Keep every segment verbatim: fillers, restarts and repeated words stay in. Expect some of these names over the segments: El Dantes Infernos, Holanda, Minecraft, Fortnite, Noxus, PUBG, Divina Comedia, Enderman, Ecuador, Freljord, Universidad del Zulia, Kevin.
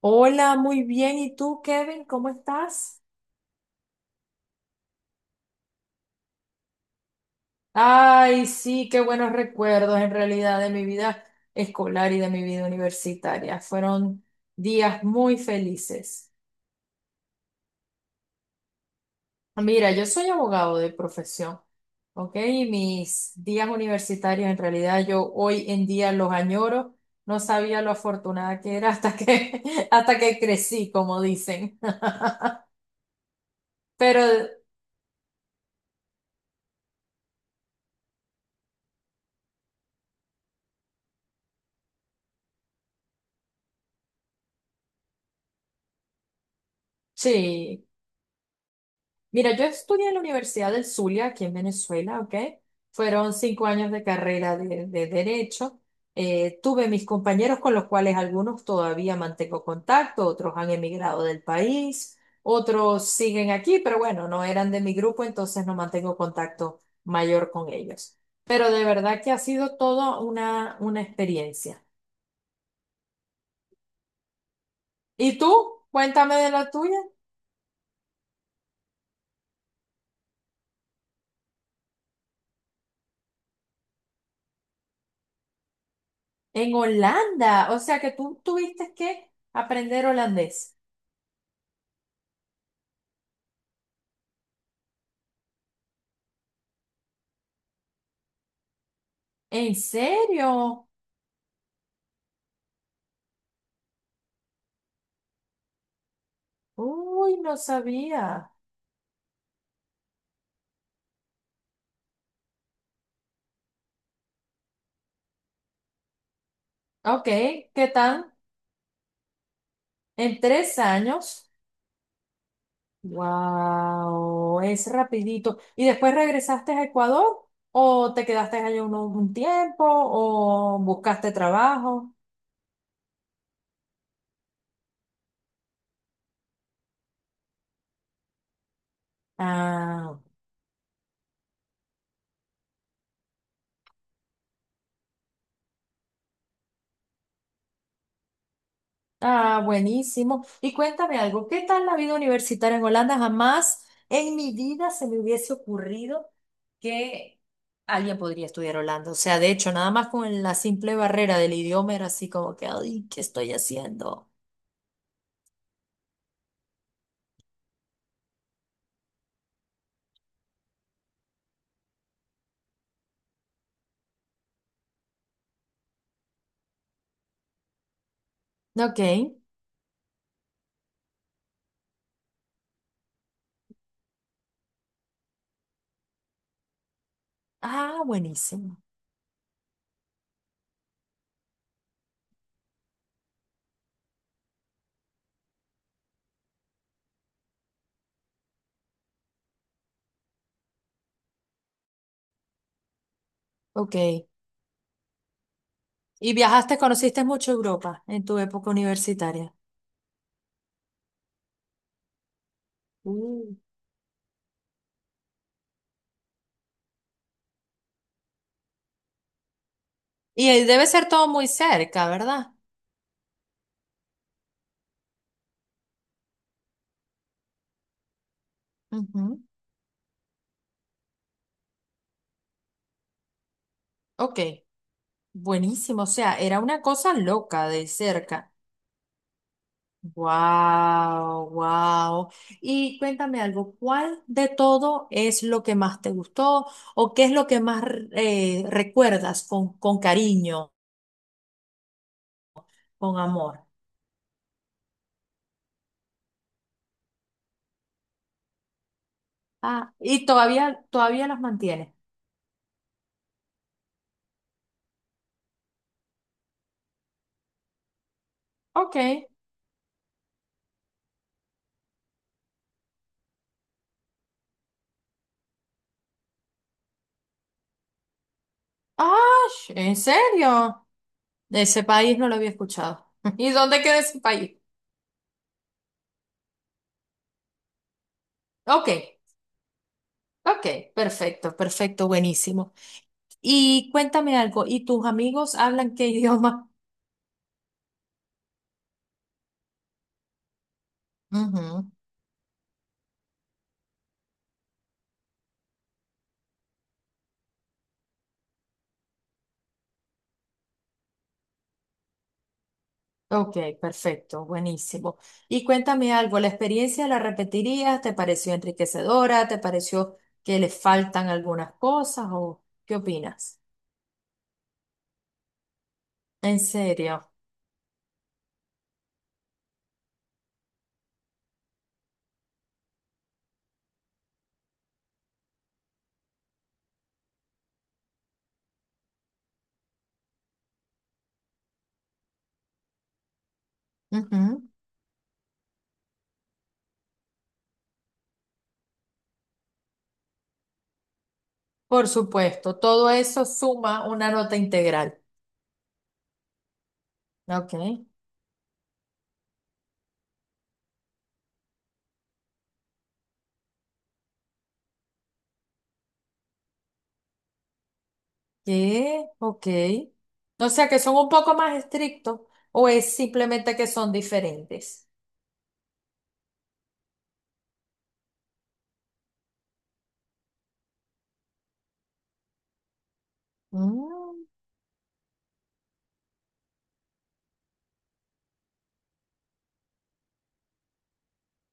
Hola, muy bien. ¿Y tú, Kevin? ¿Cómo estás? Ay, sí, qué buenos recuerdos en realidad de mi vida escolar y de mi vida universitaria. Fueron días muy felices. Mira, yo soy abogado de profesión, ¿ok? Y mis días universitarios en realidad yo hoy en día los añoro. No sabía lo afortunada que era hasta que, hasta que crecí, como dicen. Pero sí. Mira, yo estudié en la Universidad del Zulia, aquí en Venezuela, ¿ok? Fueron cinco años de carrera de, de Derecho. Eh, tuve mis compañeros con los cuales algunos todavía mantengo contacto, otros han emigrado del país, otros siguen aquí, pero bueno, no eran de mi grupo, entonces no mantengo contacto mayor con ellos. Pero de verdad que ha sido toda una, una experiencia. ¿Y tú? Cuéntame de la tuya. En Holanda, o sea que tú tuviste que aprender holandés. ¿En serio? Uy, no sabía. Ok, ¿qué tal? En tres años. Wow, es rapidito. ¿Y después regresaste a Ecuador? ¿O te quedaste allá un, un tiempo? ¿O buscaste trabajo? Ah, ah, buenísimo. Y cuéntame algo, ¿qué tal la vida universitaria en Holanda? Jamás en mi vida se me hubiese ocurrido que alguien podría estudiar Holanda. O sea, de hecho, nada más con la simple barrera del idioma era así como que, ay, ¿qué estoy haciendo? Ok. Ah, buenísimo. Ok. ¿Y viajaste, conociste mucho Europa en tu época universitaria? Mm. Y eh, debe ser todo muy cerca, ¿verdad? Ujú. Ok. Buenísimo. O sea, era una cosa loca de cerca. Wow, wow. Y cuéntame algo, ¿cuál de todo es lo que más te gustó o qué es lo que más eh, recuerdas con, con cariño, con amor? Ah, y todavía, todavía las mantienes. Ok. Ah, ¿en serio? De ese país no lo había escuchado. ¿Y dónde queda ese país? Ok, ok, perfecto, perfecto, buenísimo. Y cuéntame algo, ¿y tus amigos hablan qué idioma? Ujú. Ok, perfecto, buenísimo. Y cuéntame algo, ¿la experiencia la repetirías? ¿Te pareció enriquecedora? ¿Te pareció que le faltan algunas cosas? ¿O qué opinas? En serio. Ujú. Por supuesto, todo eso suma una nota integral. Ok. ¿Qué? Ok. O sea que son un poco más estrictos o es simplemente que son diferentes.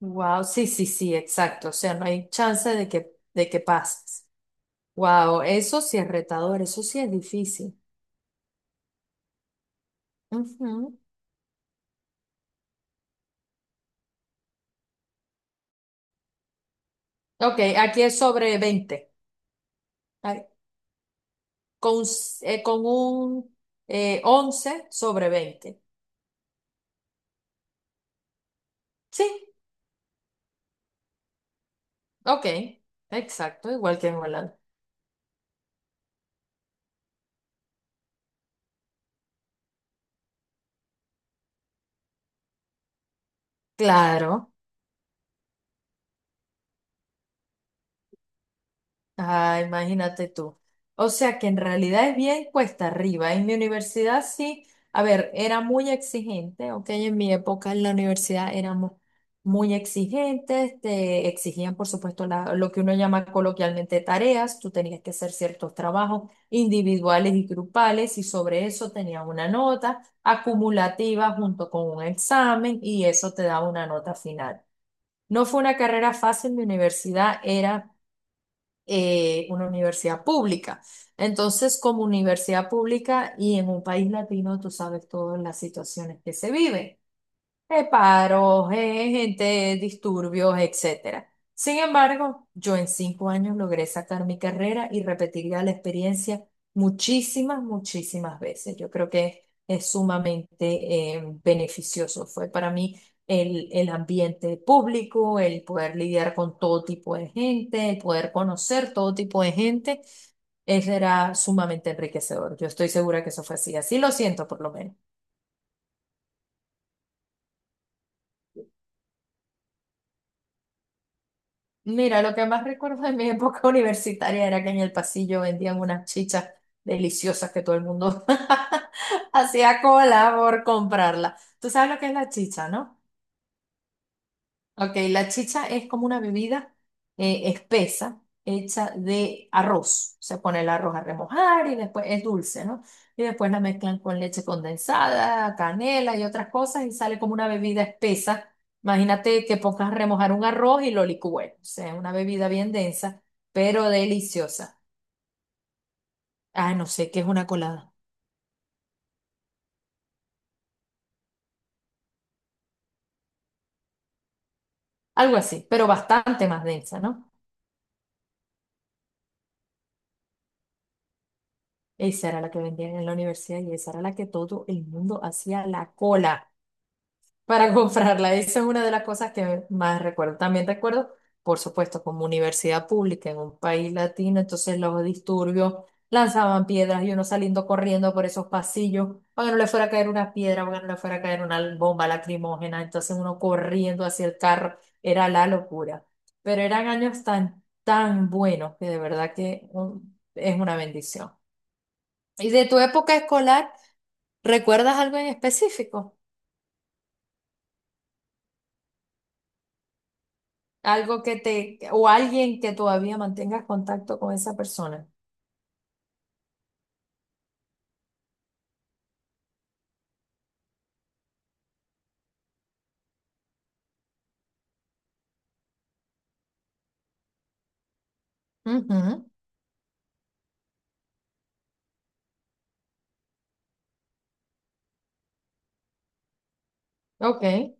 Wow, sí, sí, sí, exacto. O sea, no hay chance de que, de que pases. Wow, eso sí es retador, eso sí es difícil. Ujú. Ok, aquí es sobre veinte. Ay, con, s- eh, con un eh, once sobre veinte. Sí, ok, exacto, igual que en Holanda. Claro. Ah, imagínate tú. O sea que en realidad es bien cuesta arriba. En mi universidad sí, a ver, era muy exigente, ok, en mi época en la universidad éramos muy exigentes, te exigían por supuesto la- lo que uno llama coloquialmente tareas, tú tenías que hacer ciertos trabajos individuales y grupales y sobre eso tenías una nota acumulativa junto con un examen y eso te daba una nota final. No fue una carrera fácil, mi universidad era eh, una universidad pública. Entonces, como universidad pública y en un país latino, tú sabes todas las situaciones que se viven eh, paros, eh, gente, disturbios, etcétera. Sin embargo, yo en cinco años logré sacar mi carrera y repetiría la experiencia muchísimas, muchísimas veces. Yo creo que es sumamente eh, beneficioso. Fue para mí el, el ambiente público, el poder lidiar con todo tipo de gente, el poder conocer todo tipo de gente. Eso era sumamente enriquecedor. Yo estoy segura que eso fue así. Así lo siento, por lo menos. Mira, lo que más recuerdo de mi época universitaria era que en el pasillo vendían unas chichas deliciosas que todo el mundo hacía cola por comprarla. Tú sabes lo que es la chicha, ¿no? Ok, la chicha es como una bebida eh, espesa hecha de arroz. Se pone el arroz a remojar y después es dulce, ¿no? Y después la mezclan con leche condensada, canela y otras cosas y sale como una bebida espesa. Imagínate que pongas a remojar un arroz y lo licúes. O sea, una bebida bien densa, pero deliciosa. Ah, no sé qué es una colada. Algo así, pero bastante más densa, ¿no? Esa era la que vendían en la universidad y esa era la que todo el mundo hacía la cola. Para comprarla. Esa es una de las cosas que más recuerdo. También recuerdo, por supuesto, como universidad pública en un país latino, entonces los disturbios lanzaban piedras y uno saliendo corriendo por esos pasillos, para que no le fuera a caer una piedra, para que no le fuera a caer una bomba lacrimógena, entonces uno corriendo hacia el carro, era la locura. Pero eran años tan, tan buenos que de verdad que um, es una bendición. ¿Y de tu época escolar, recuerdas algo en específico? Algo que te, o alguien que todavía mantengas contacto con esa persona. Ujú, ok.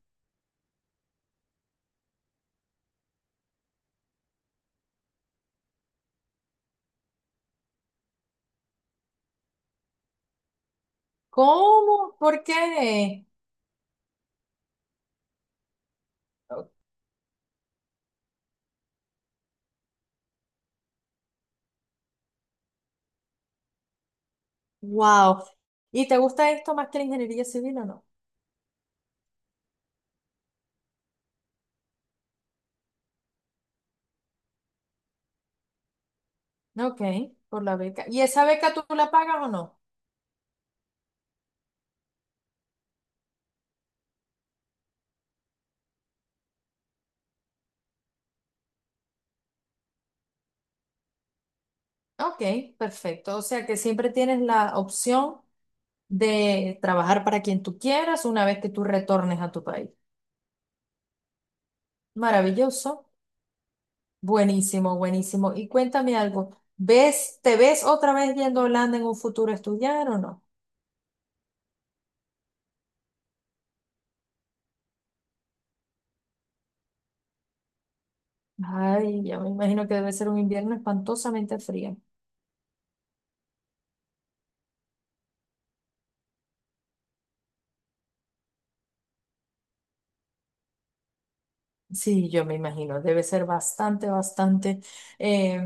¿Cómo? ¿Por qué? Wow. ¿Y te gusta esto más que la ingeniería civil o no? Ok, por la beca. ¿Y esa beca tú la pagas o no? Ok, perfecto. O sea que siempre tienes la opción de trabajar para quien tú quieras una vez que tú retornes a tu país. Maravilloso. Buenísimo, buenísimo. Y cuéntame algo, ¿ves, te ves otra vez yendo a Holanda en un futuro a estudiar o no? Ay, ya me imagino que debe ser un invierno espantosamente frío. Sí, yo me imagino, debe ser bastante, bastante eh,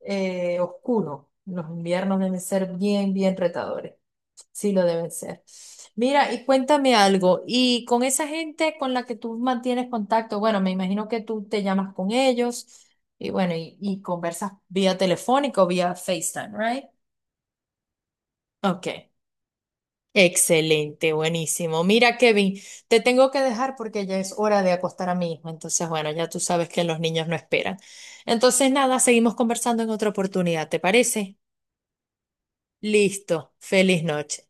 eh, oscuro. Los inviernos deben ser bien, bien retadores. Sí, lo deben ser. Mira, y cuéntame algo, y con esa gente con la que tú mantienes contacto, bueno, me imagino que tú te llamas con ellos y bueno, y, y conversas vía telefónica o vía FaceTime, ¿right? Ok. Excelente, buenísimo. Mira, Kevin, te tengo que dejar porque ya es hora de acostar a mi hijo. Entonces, bueno, ya tú sabes que los niños no esperan. Entonces, nada, seguimos conversando en otra oportunidad, ¿te parece? Listo. Feliz noche.